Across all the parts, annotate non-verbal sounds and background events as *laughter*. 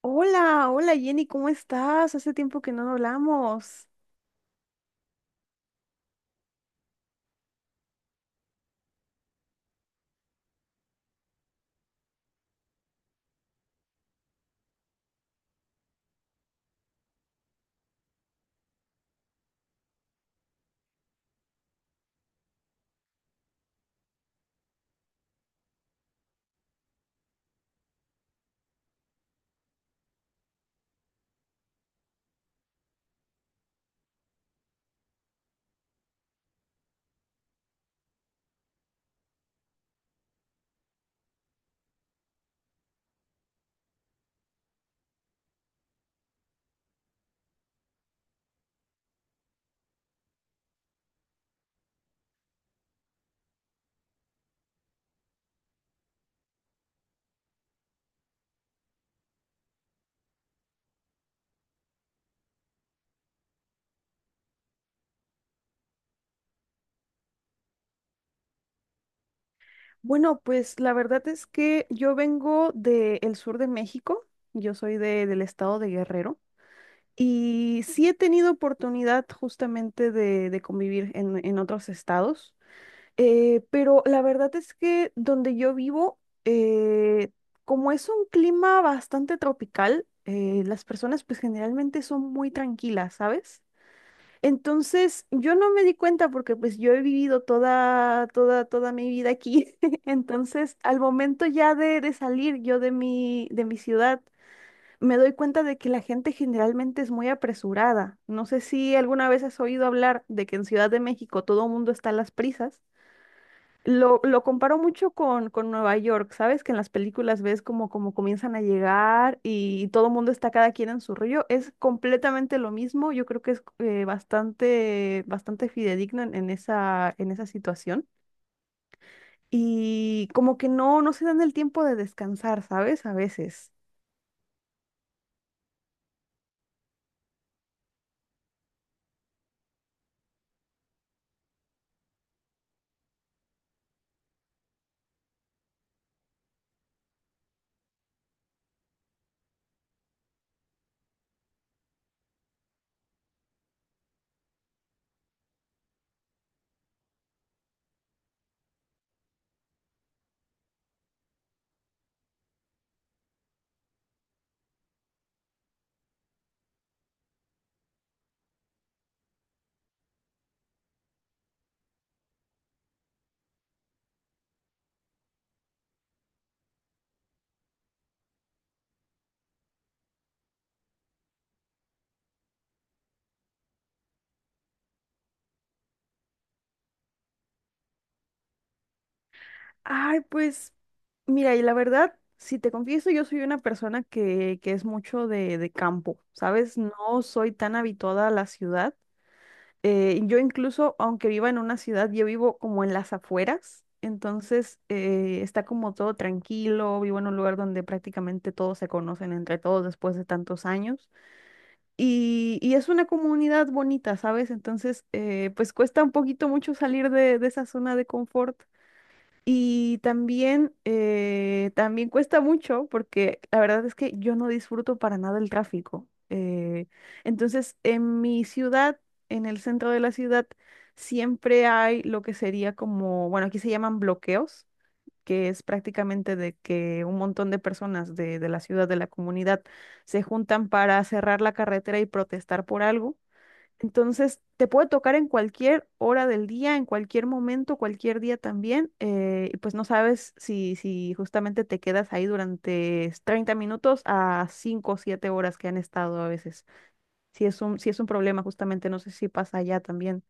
Hola, hola Jenny, ¿cómo estás? Hace tiempo que no hablamos. Bueno, pues la verdad es que yo vengo del sur de México, yo soy del estado de Guerrero y sí he tenido oportunidad justamente de convivir en otros estados, pero la verdad es que donde yo vivo, eh, como es un clima bastante tropical, las personas pues generalmente son muy tranquilas, ¿sabes? Entonces, yo no me di cuenta porque pues yo he vivido toda mi vida aquí. *laughs* Entonces, al momento ya de salir yo de de mi ciudad, me doy cuenta de que la gente generalmente es muy apresurada. No sé si alguna vez has oído hablar de que en Ciudad de México todo el mundo está a las prisas. Lo comparo mucho con Nueva York, ¿sabes? Que en las películas ves como, como comienzan a llegar y todo el mundo está cada quien en su rollo. Es completamente lo mismo. Yo creo que es bastante fidedigno en, en esa situación. Y como que no, no se dan el tiempo de descansar, ¿sabes? A veces. Ay, pues, mira, y la verdad, si te confieso, yo soy una persona que es mucho de campo, ¿sabes? No soy tan habituada a la ciudad. Yo incluso, aunque viva en una ciudad, yo vivo como en las afueras, entonces está como todo tranquilo, vivo en un lugar donde prácticamente todos se conocen entre todos después de tantos años y es una comunidad bonita, ¿sabes? Entonces, pues cuesta un poquito mucho salir de esa zona de confort, y también, también cuesta mucho porque la verdad es que yo no disfruto para nada el tráfico. Entonces, en mi ciudad, en el centro de la ciudad, siempre hay lo que sería como, bueno, aquí se llaman bloqueos, que es prácticamente de que un montón de personas de la ciudad, de la comunidad, se juntan para cerrar la carretera y protestar por algo. Entonces, te puede tocar en cualquier hora del día, en cualquier momento, cualquier día también, y pues no sabes si, si justamente te quedas ahí durante 30 minutos a 5 o 7 horas que han estado a veces. Si es un problema, justamente, no sé si pasa allá también.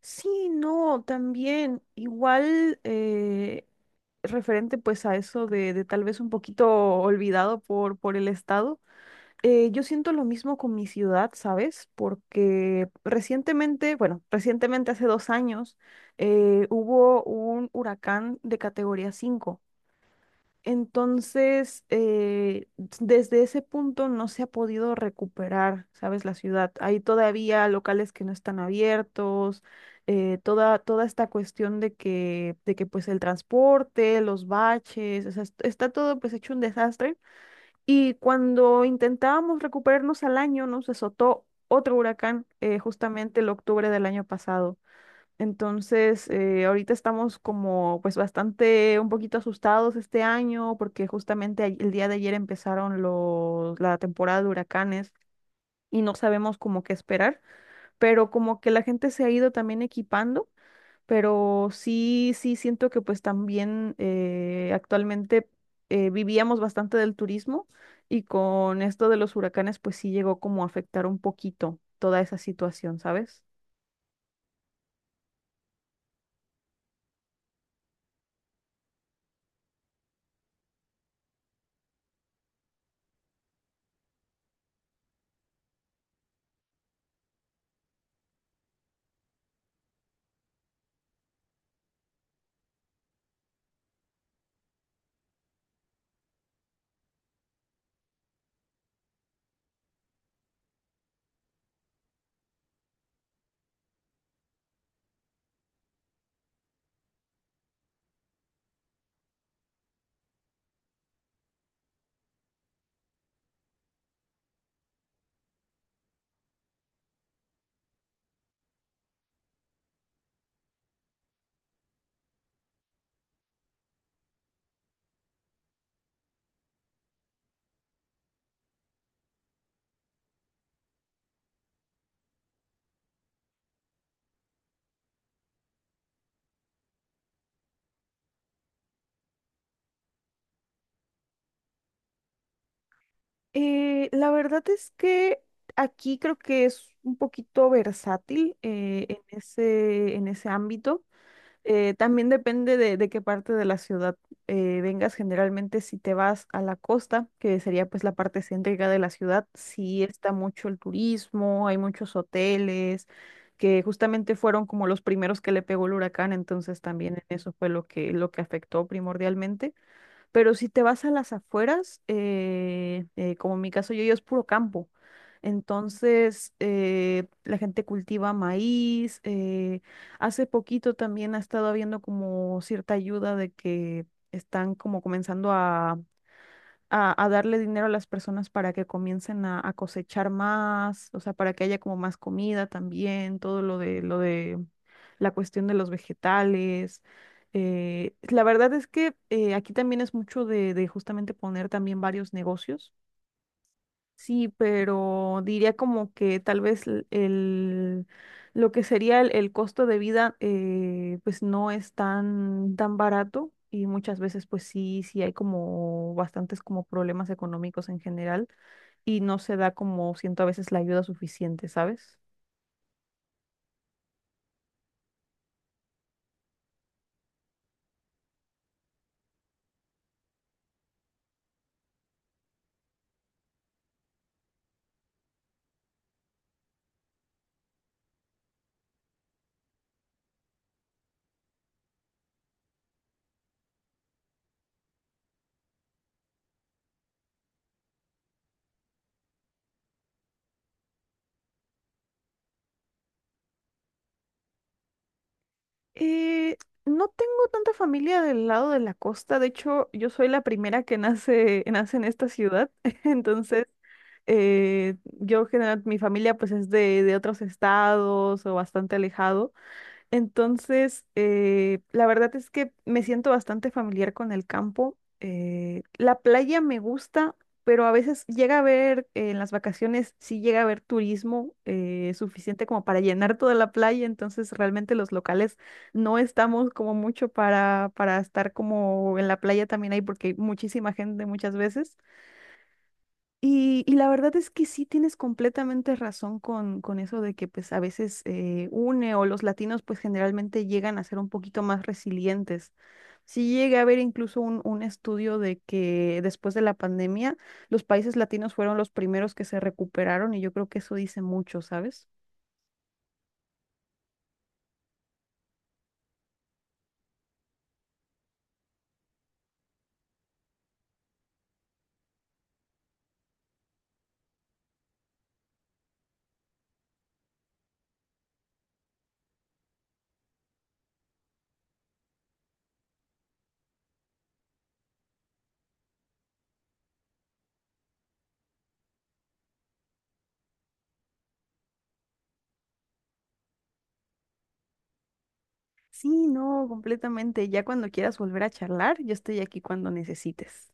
Sí, no, también, igual, referente pues a eso de tal vez un poquito olvidado por el Estado. Yo siento lo mismo con mi ciudad, ¿sabes? Porque recientemente, bueno, recientemente hace 2 años, hubo un huracán de categoría 5. Entonces, desde ese punto no se ha podido recuperar, ¿sabes? La ciudad. Hay todavía locales que no están abiertos, toda esta cuestión de que, pues el transporte, los baches, o sea, está todo pues hecho un desastre. Y cuando intentábamos recuperarnos al año, nos azotó otro huracán, justamente el octubre del año pasado. Entonces, ahorita estamos como pues bastante un poquito asustados este año porque justamente el día de ayer empezaron la temporada de huracanes y no sabemos como qué esperar, pero como que la gente se ha ido también equipando, pero sí, sí siento que pues también actualmente vivíamos bastante del turismo y con esto de los huracanes pues sí llegó como a afectar un poquito toda esa situación, ¿sabes? La verdad es que aquí creo que es un poquito versátil en ese ámbito. También depende de qué parte de la ciudad vengas. Generalmente, si te vas a la costa, que sería pues la parte céntrica de la ciudad, sí está mucho el turismo, hay muchos hoteles que justamente fueron como los primeros que le pegó el huracán, entonces también eso fue lo que afectó primordialmente. Pero si te vas a las afueras, como en mi caso, yo es puro campo. Entonces, la gente cultiva maíz. Hace poquito también ha estado habiendo como cierta ayuda de que están como comenzando a darle dinero a las personas para que comiencen a cosechar más, o sea, para que haya como más comida también, todo lo de la cuestión de los vegetales. La verdad es que aquí también es mucho de justamente poner también varios negocios. Sí, pero diría como que tal vez lo que sería el costo de vida pues no es tan, tan barato y muchas veces pues sí, sí hay como bastantes como problemas económicos en general y no se da como siento a veces la ayuda suficiente, ¿sabes? Eh, no tengo tanta familia del lado de la costa, de hecho yo soy la primera que nace, nace en esta ciudad, *laughs* entonces yo general, mi familia pues es de otros estados o bastante alejado. Entonces, la verdad es que me siento bastante familiar con el campo. La playa me gusta, pero a veces llega a haber, en las vacaciones, sí llega a haber turismo suficiente como para llenar toda la playa. Entonces, realmente los locales no estamos como mucho para estar como en la playa también hay, porque hay muchísima gente muchas veces. Y la verdad es que sí tienes completamente razón con eso de que pues a veces une o los latinos pues generalmente llegan a ser un poquito más resilientes. Sí llegué a ver incluso un estudio de que después de la pandemia los países latinos fueron los primeros que se recuperaron y yo creo que eso dice mucho, ¿sabes? Sí, no, completamente. Ya cuando quieras volver a charlar, yo estoy aquí cuando necesites.